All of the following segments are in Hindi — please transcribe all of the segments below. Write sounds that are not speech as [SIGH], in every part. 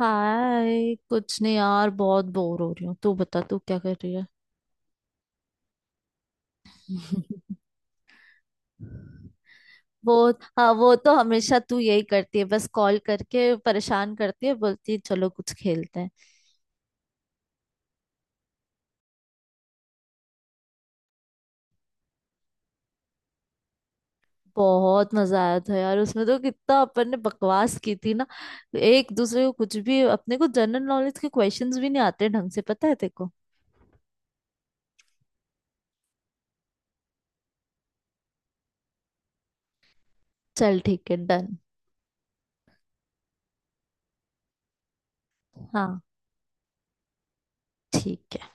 हाय कुछ नहीं यार, बहुत बोर हो रही हूँ। तू बता, तू क्या कर रही है? [LAUGHS] वो हाँ, वो तो हमेशा तू यही करती है। बस कॉल करके परेशान करती है, बोलती है चलो कुछ खेलते हैं। बहुत मजा आया था यार, उसमें तो कितना अपन ने बकवास की थी ना। एक दूसरे को कुछ भी, अपने को जनरल नॉलेज के क्वेश्चंस भी नहीं आते ढंग से, पता है तेरे को। चल ठीक है, डन। हाँ, ठीक है।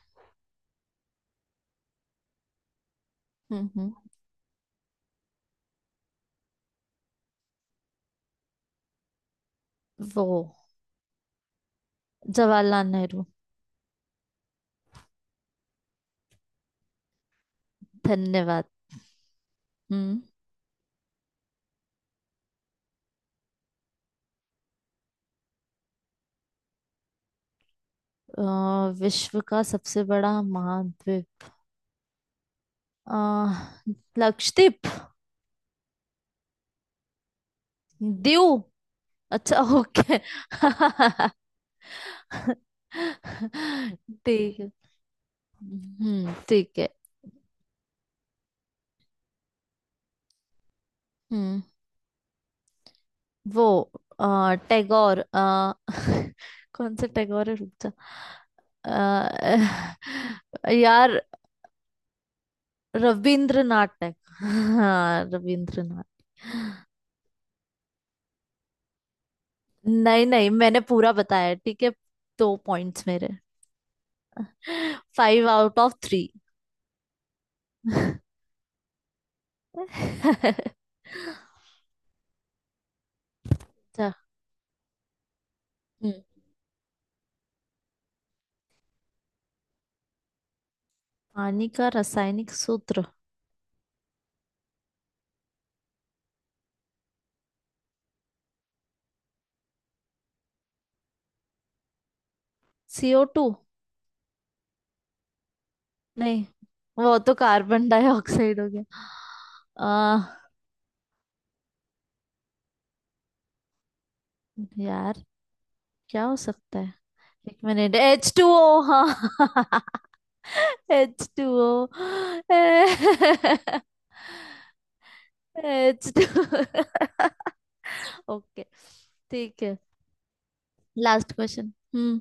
हम्म। वो जवाहरलाल नेहरू। धन्यवाद। हम्म। अ, विश्व का सबसे बड़ा महाद्वीप अ, लक्षद्वीप। दीव। अच्छा, ओके। ठीक है। हम्म, ठीक है। हम्म। वो टैगोर। [LAUGHS] कौन से टैगोर है, रुक जा। यार, रविंद्रनाथ टैगोर। हाँ, रविंद्रनाथ। नहीं नहीं, मैंने पूरा बताया, ठीक है। दो पॉइंट्स मेरे। Five out of three. [LAUGHS] अच्छा। हम्म, पानी का रासायनिक सूत्र सीओ टू। नहीं, वो तो कार्बन डाइऑक्साइड हो गया। आ, यार, क्या हो सकता है? एक मिनट, एच टू ओ। हाँ [LAUGHS] H two O. H two. Okay, ठीक है। Last question. हम्म,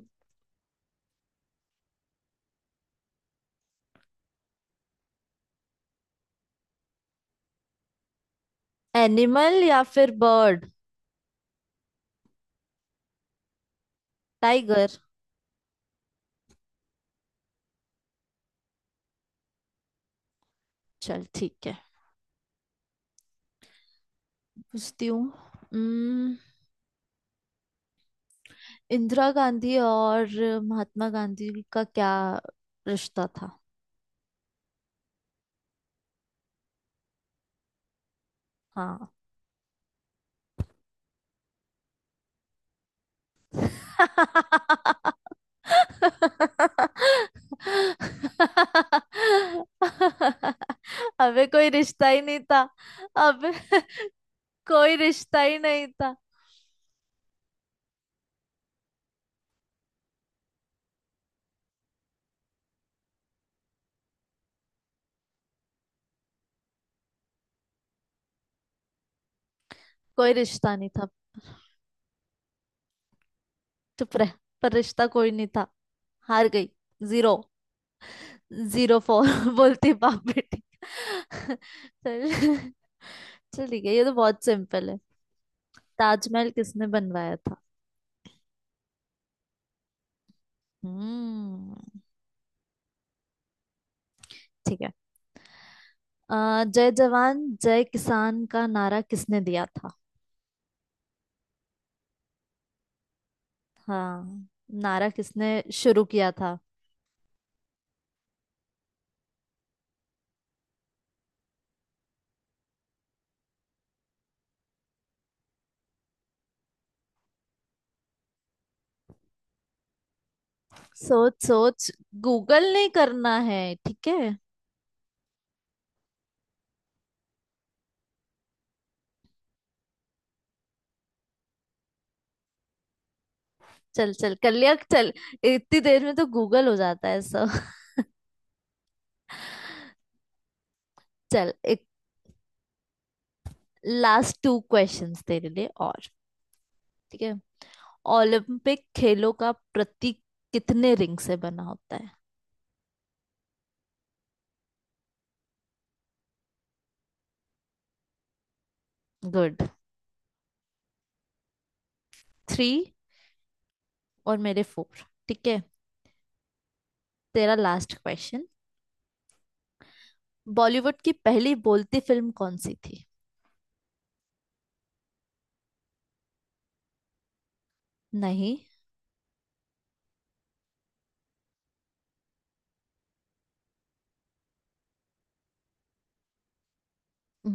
एनिमल या फिर बर्ड? टाइगर। चल ठीक है, पूछती हूँ। इंदिरा गांधी और महात्मा गांधी का क्या रिश्ता था? हाँ। अबे कोई रिश्ता ही नहीं था। अबे कोई रिश्ता ही नहीं था। कोई रिश्ता नहीं था। चुप रह। पर रिश्ता कोई नहीं था। हार गई। जीरो। Zero four. [LAUGHS] बोलती बाप बेटी। [LAUGHS] चल, चल ठीक है, ये तो बहुत सिंपल है। ताजमहल किसने बनवाया था? हम्म, ठीक है। अ, जय जवान जय किसान का नारा किसने दिया था? हाँ, नारा किसने शुरू किया था? सोच सोच, गूगल नहीं करना है, ठीक है। चल चल, कर लिया चल, इतनी देर में तो गूगल हो जाता है सब। [LAUGHS] चल, एक लास्ट टू क्वेश्चंस तेरे लिए और, ठीक है। ओलंपिक खेलों का प्रतीक कितने रिंग से बना होता है? गुड। थ्री और मेरे फोर, ठीक है। तेरा लास्ट क्वेश्चन। बॉलीवुड की पहली बोलती फिल्म कौन सी थी? नहीं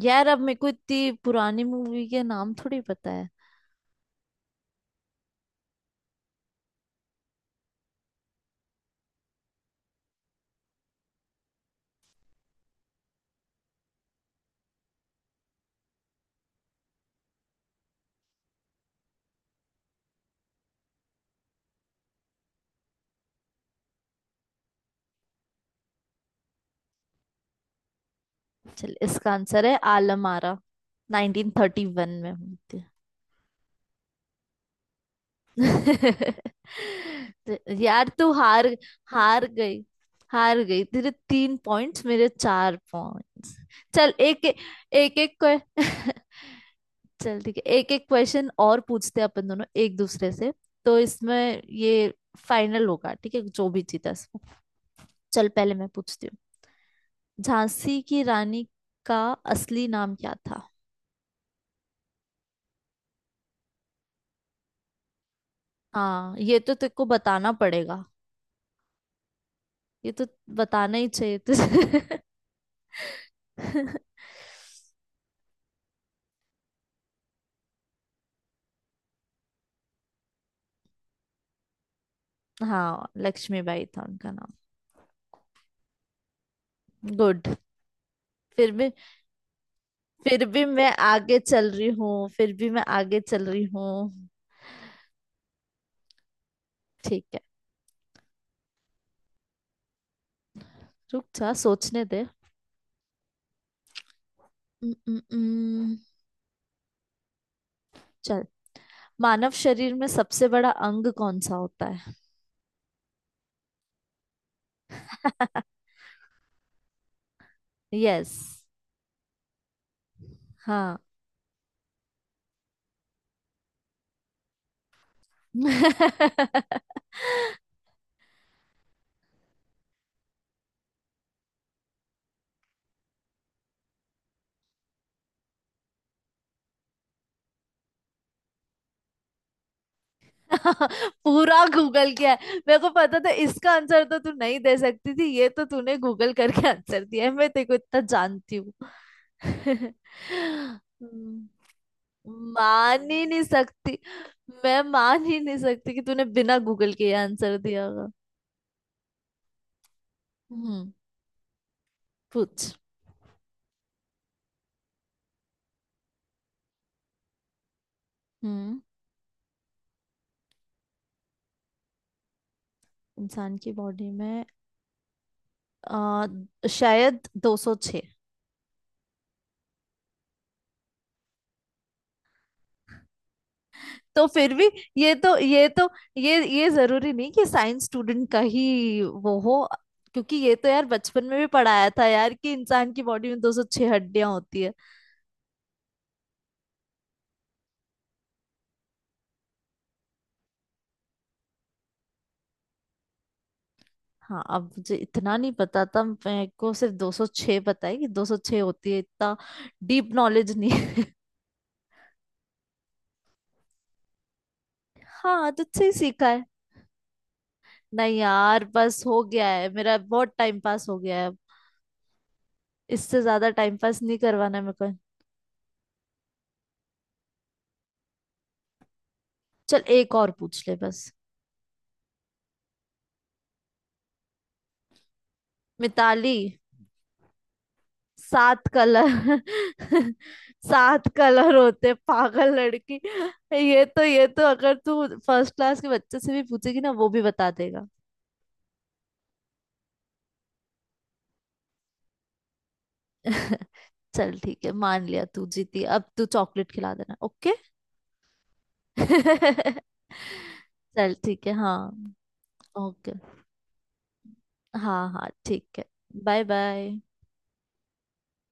यार, अब मेरे को इतनी पुरानी मूवी के नाम थोड़ी पता है। चल, इसका आंसर है आलम आरा, 1931 में हुई थी। [LAUGHS] तो यार, तू हार। हार गई, हार गई। तेरे तीन पॉइंट्स, मेरे चार पॉइंट्स। चल एक एक। एक, एक को। [LAUGHS] चल ठीक है, एक एक क्वेश्चन और पूछते हैं अपन दोनों एक दूसरे से। तो इसमें ये फाइनल होगा, ठीक है, जो भी जीता इसको। चल, पहले मैं पूछती हूँ। झांसी की रानी का असली नाम क्या था? हाँ, ये तो तेरे को बताना पड़ेगा। ये तो बताना ही चाहिए तुझे। [LAUGHS] हाँ, लक्ष्मीबाई था उनका नाम। गुड। फिर भी, फिर भी मैं आगे चल रही हूँ, फिर भी मैं आगे चल रही हूँ। ठीक है, रुक जा, सोचने दे। उम, उम, उम, चल, मानव शरीर में सबसे बड़ा अंग कौन सा होता है? [LAUGHS] यस। हाँ। [LAUGHS] पूरा गूगल किया है, मेरे को पता था इसका आंसर तो तू नहीं दे सकती थी। ये तो तूने गूगल करके आंसर दिया है, मैं तेरे को इतना जानती हूँ। [LAUGHS] हम्म, मान ही नहीं सकती। मैं मान ही नहीं सकती कि तूने बिना गूगल के ये आंसर दिया होगा। हम्म, पूछ। हम्म, इंसान की बॉडी में आ, शायद 206। तो फिर भी, ये तो ये तो ये ये जरूरी नहीं कि साइंस स्टूडेंट का ही वो हो, क्योंकि ये तो यार, बचपन में भी पढ़ाया था यार, कि इंसान की बॉडी में 206 हड्डियां होती है। हाँ, अब मुझे इतना नहीं पता था, मेरे को सिर्फ 206 पता है कि 206 होती है, इतना डीप नॉलेज नहीं है। [LAUGHS] हाँ, तुझसे ही सीखा है। नहीं यार, बस हो गया है, मेरा बहुत टाइम पास हो गया है अब, इससे ज्यादा टाइम पास नहीं करवाना है मेरे को। चल, एक और पूछ ले बस। मिताली, 7 कलर। [LAUGHS] 7 कलर होते पागल लड़की। ये तो, ये तो अगर तू फर्स्ट क्लास के बच्चे से भी पूछेगी ना, वो भी बता देगा। [LAUGHS] चल ठीक है, मान लिया तू जीती, अब तू चॉकलेट खिला देना, ओके। [LAUGHS] चल ठीक है, हाँ। ओके। हाँ हाँ, ठीक है। Bye bye.